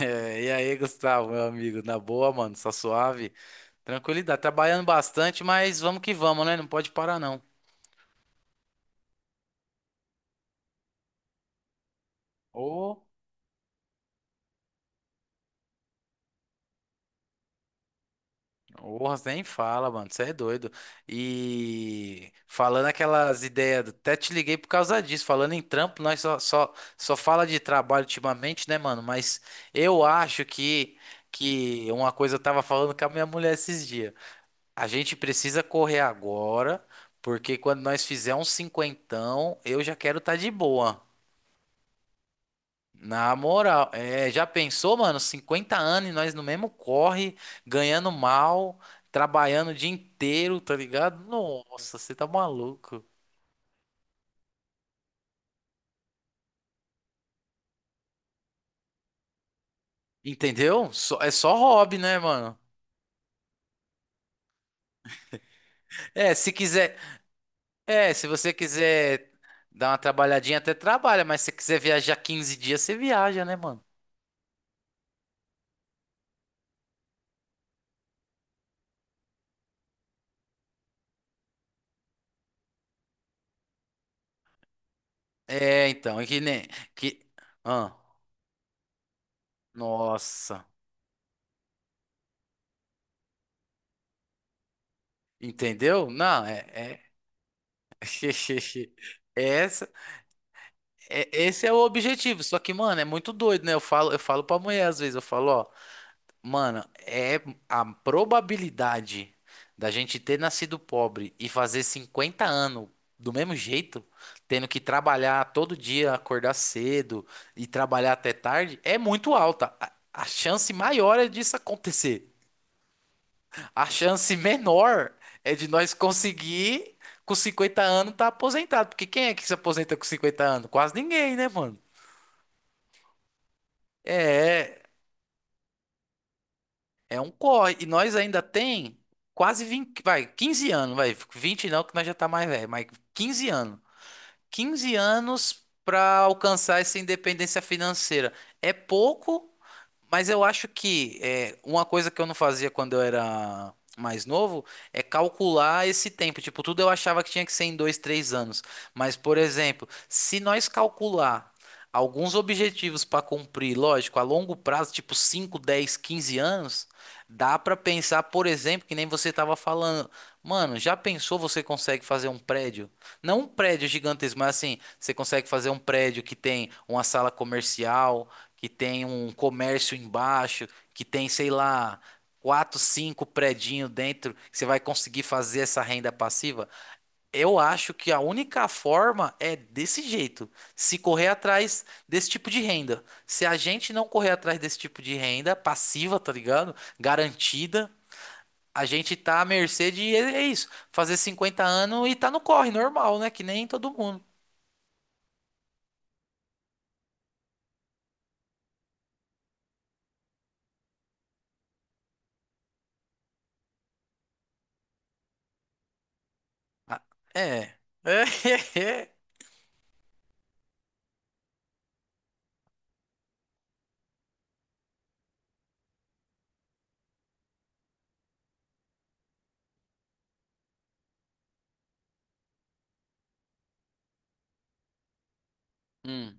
É, e aí, Gustavo, meu amigo, na boa, mano, só suave, tranquilidade, trabalhando bastante, mas vamos que vamos, né? Não pode parar, não. Ô, oh, nem fala, mano, você é doido. E falando aquelas ideias, até te liguei por causa disso, falando em trampo, nós só fala de trabalho ultimamente, né, mano? Mas eu acho que uma coisa eu tava falando com a minha mulher esses dias. A gente precisa correr agora, porque quando nós fizer um cinquentão, eu já quero estar de boa. Na moral, é, já pensou, mano? 50 anos e nós no mesmo corre, ganhando mal, trabalhando o dia inteiro, tá ligado? Nossa, você tá maluco. Entendeu? É só hobby, né, mano? É, se quiser, se você quiser dar uma trabalhadinha, até trabalha, mas se você quiser viajar 15 dias, você viaja, né, mano? É, então, é que nem que, ah. Nossa, entendeu? Não, é. Essa, esse é o objetivo. Só que, mano, é muito doido, né? Eu falo pra mulher às vezes, eu falo, ó, mano, é a probabilidade da gente ter nascido pobre e fazer 50 anos do mesmo jeito, tendo que trabalhar todo dia, acordar cedo e trabalhar até tarde, é muito alta. A chance maior é disso acontecer. A chance menor é de nós conseguir com 50 anos estar aposentado. Porque quem é que se aposenta com 50 anos? Quase ninguém, né, mano? É, é um corre. E nós ainda tem quase 20, vai, 15 anos, vai, 20 não, que nós já tá mais velho, mas 15 anos. 15 anos para alcançar essa independência financeira. É pouco, mas eu acho que uma coisa que eu não fazia quando eu era mais novo é calcular esse tempo. Tipo, tudo eu achava que tinha que ser em 2, 3 anos. Mas, por exemplo, se nós calcular alguns objetivos para cumprir, lógico, a longo prazo, tipo 5, 10, 15 anos, dá para pensar, por exemplo, que nem você estava falando. Mano, já pensou você consegue fazer um prédio? Não um prédio gigantesco, mas assim, você consegue fazer um prédio que tem uma sala comercial que tem um comércio embaixo, que tem, sei lá, quatro, cinco predinho dentro, que você vai conseguir fazer essa renda passiva? Eu acho que a única forma é desse jeito, se correr atrás desse tipo de renda. Se a gente não correr atrás desse tipo de renda passiva, tá ligado? Garantida, a gente tá à mercê de, é isso, fazer 50 anos e tá no corre, normal, né? Que nem todo mundo. Ah, é. É.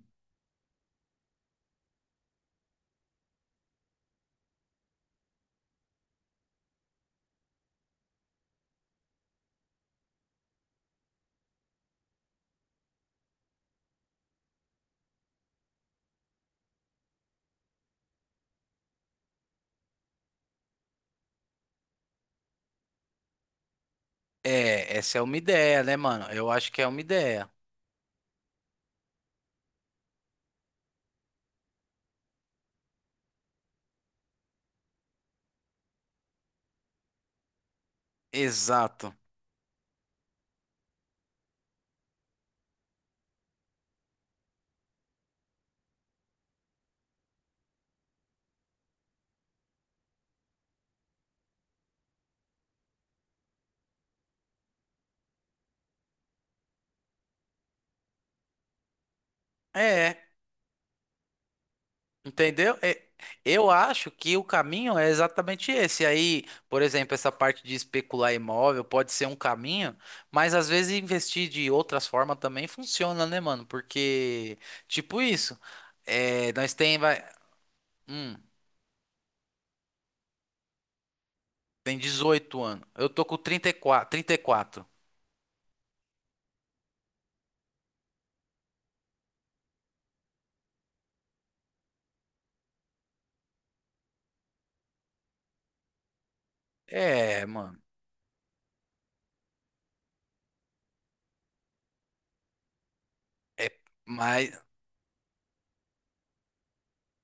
É, essa é uma ideia, né, mano? Eu acho que é uma ideia. Exato. É, entendeu? É, eu acho que o caminho é exatamente esse. Aí, por exemplo, essa parte de especular imóvel pode ser um caminho, mas às vezes investir de outras formas também funciona, né, mano? Porque, tipo isso, é, nós tem, vai, hum, tem 18 anos. Eu tô com 34, 34. É, mano. É, mas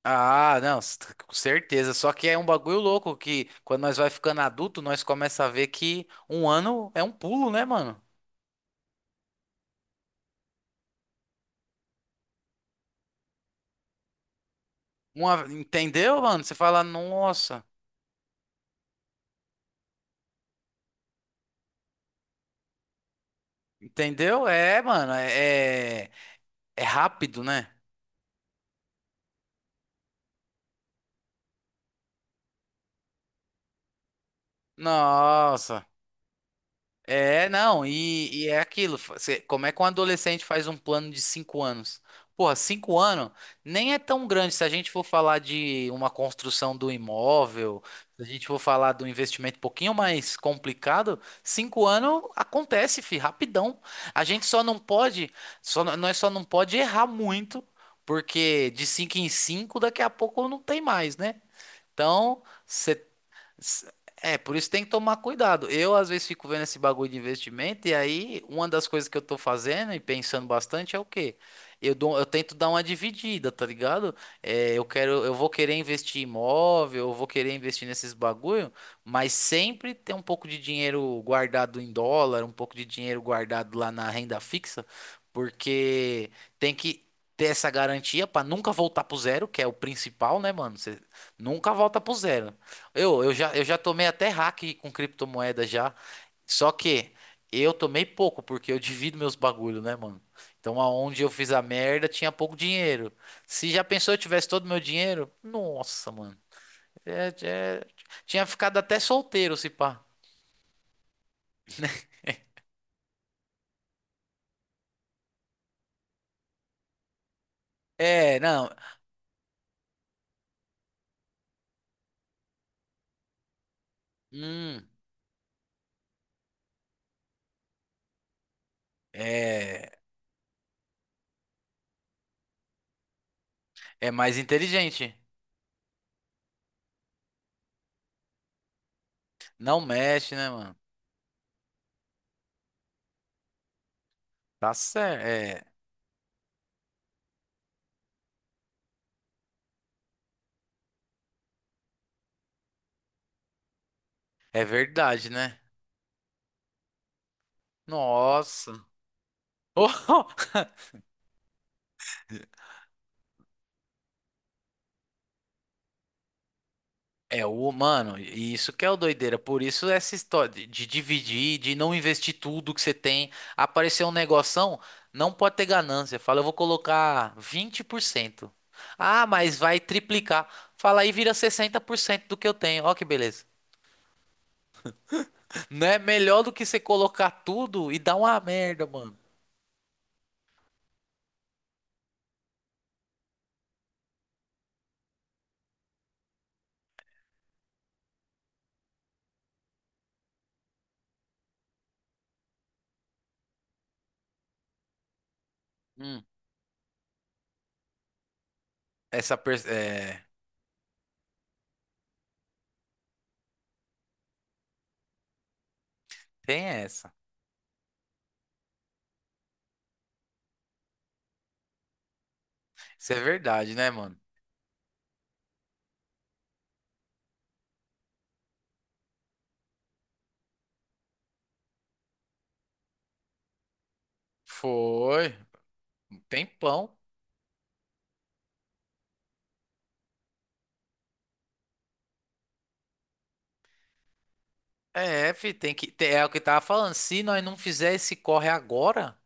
ah, não, com certeza. Só que é um bagulho louco que quando nós vai ficando adulto, nós começa a ver que um ano é um pulo, né, mano? Entendeu, mano? Você fala, nossa, entendeu? É, mano, é rápido, né? Nossa. É, não, e é aquilo. Como é que um adolescente faz um plano de 5 anos? Porra, 5 anos nem é tão grande se a gente for falar de uma construção do imóvel, se a gente for falar do investimento um pouquinho mais complicado, 5 anos acontece, fi, rapidão. A gente só não pode, só, não- Nós só não pode errar muito, porque de cinco em cinco daqui a pouco não tem mais, né? Então, S- é, por isso tem que tomar cuidado. Eu, às vezes, fico vendo esse bagulho de investimento, e aí, uma das coisas que eu tô fazendo e pensando bastante é o quê? Eu tento dar uma dividida, tá ligado? É, eu vou querer investir em imóvel, eu vou querer investir nesses bagulho, mas sempre ter um pouco de dinheiro guardado em dólar, um pouco de dinheiro guardado lá na renda fixa, porque tem que ter essa garantia pra nunca voltar pro zero, que é o principal, né, mano? Você nunca volta pro zero. Eu já tomei até hack com criptomoeda já. Só que eu tomei pouco, porque eu divido meus bagulho, né, mano? Então, aonde eu fiz a merda, tinha pouco dinheiro. Se já pensou eu tivesse todo meu dinheiro? Nossa, mano. É, é- Tinha ficado até solteiro, se pá. É, não. Hum, é, é mais inteligente. Não mexe, né, mano? Tá certo. É verdade, né? Nossa. Oh, é, o mano, e isso que é o doideira. Por isso essa história de dividir, de não investir tudo que você tem. Aparecer um negoção, não pode ter ganância. Fala, eu vou colocar 20%. Ah, mas vai triplicar. Fala aí, vira 60% do que eu tenho. Ó que beleza. Não é melhor do que você colocar tudo e dar uma merda, mano. Hum, É, tem essa. Isso é verdade, né, mano? Foi, um tempão. É, fi, é o que eu tava falando. Se nós não fizer esse corre agora,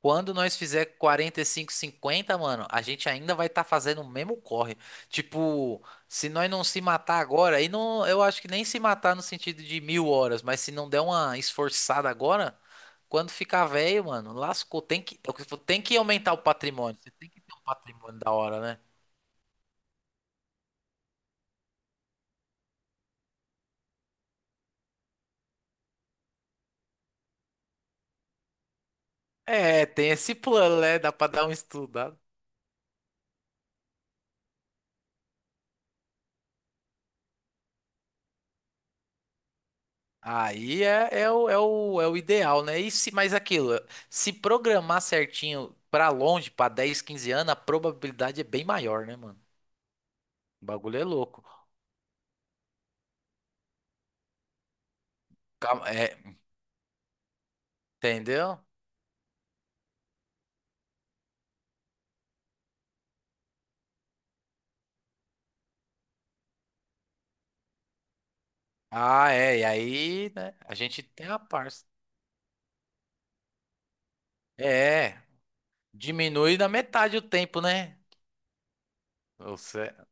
quando nós fizer 45, 50, mano, a gente ainda vai estar fazendo o mesmo corre. Tipo, se nós não se matar agora, aí não, eu acho que nem se matar no sentido de 1.000 horas, mas se não der uma esforçada agora, quando ficar velho, mano, lascou. Tem que, é o que eu falo, tem que aumentar o patrimônio. Você tem que ter um patrimônio da hora, né? É, tem esse plano, né? Dá pra dar um estudo. Aí é o ideal, né? E se, mas aquilo, se programar certinho pra longe, pra 10, 15 anos, a probabilidade é bem maior, né, mano? O bagulho é louco. Calma, é, entendeu? Ah, é. E aí, né? A gente tem a parça. É, diminui na metade o tempo, né? Você, é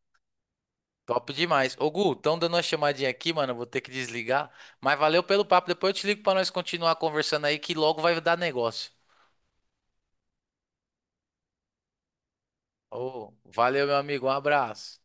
top demais. Ô, Gu, estão dando uma chamadinha aqui, mano. Eu vou ter que desligar. Mas valeu pelo papo. Depois eu te ligo pra nós continuar conversando aí, que logo vai dar negócio. Ô, valeu, meu amigo. Um abraço.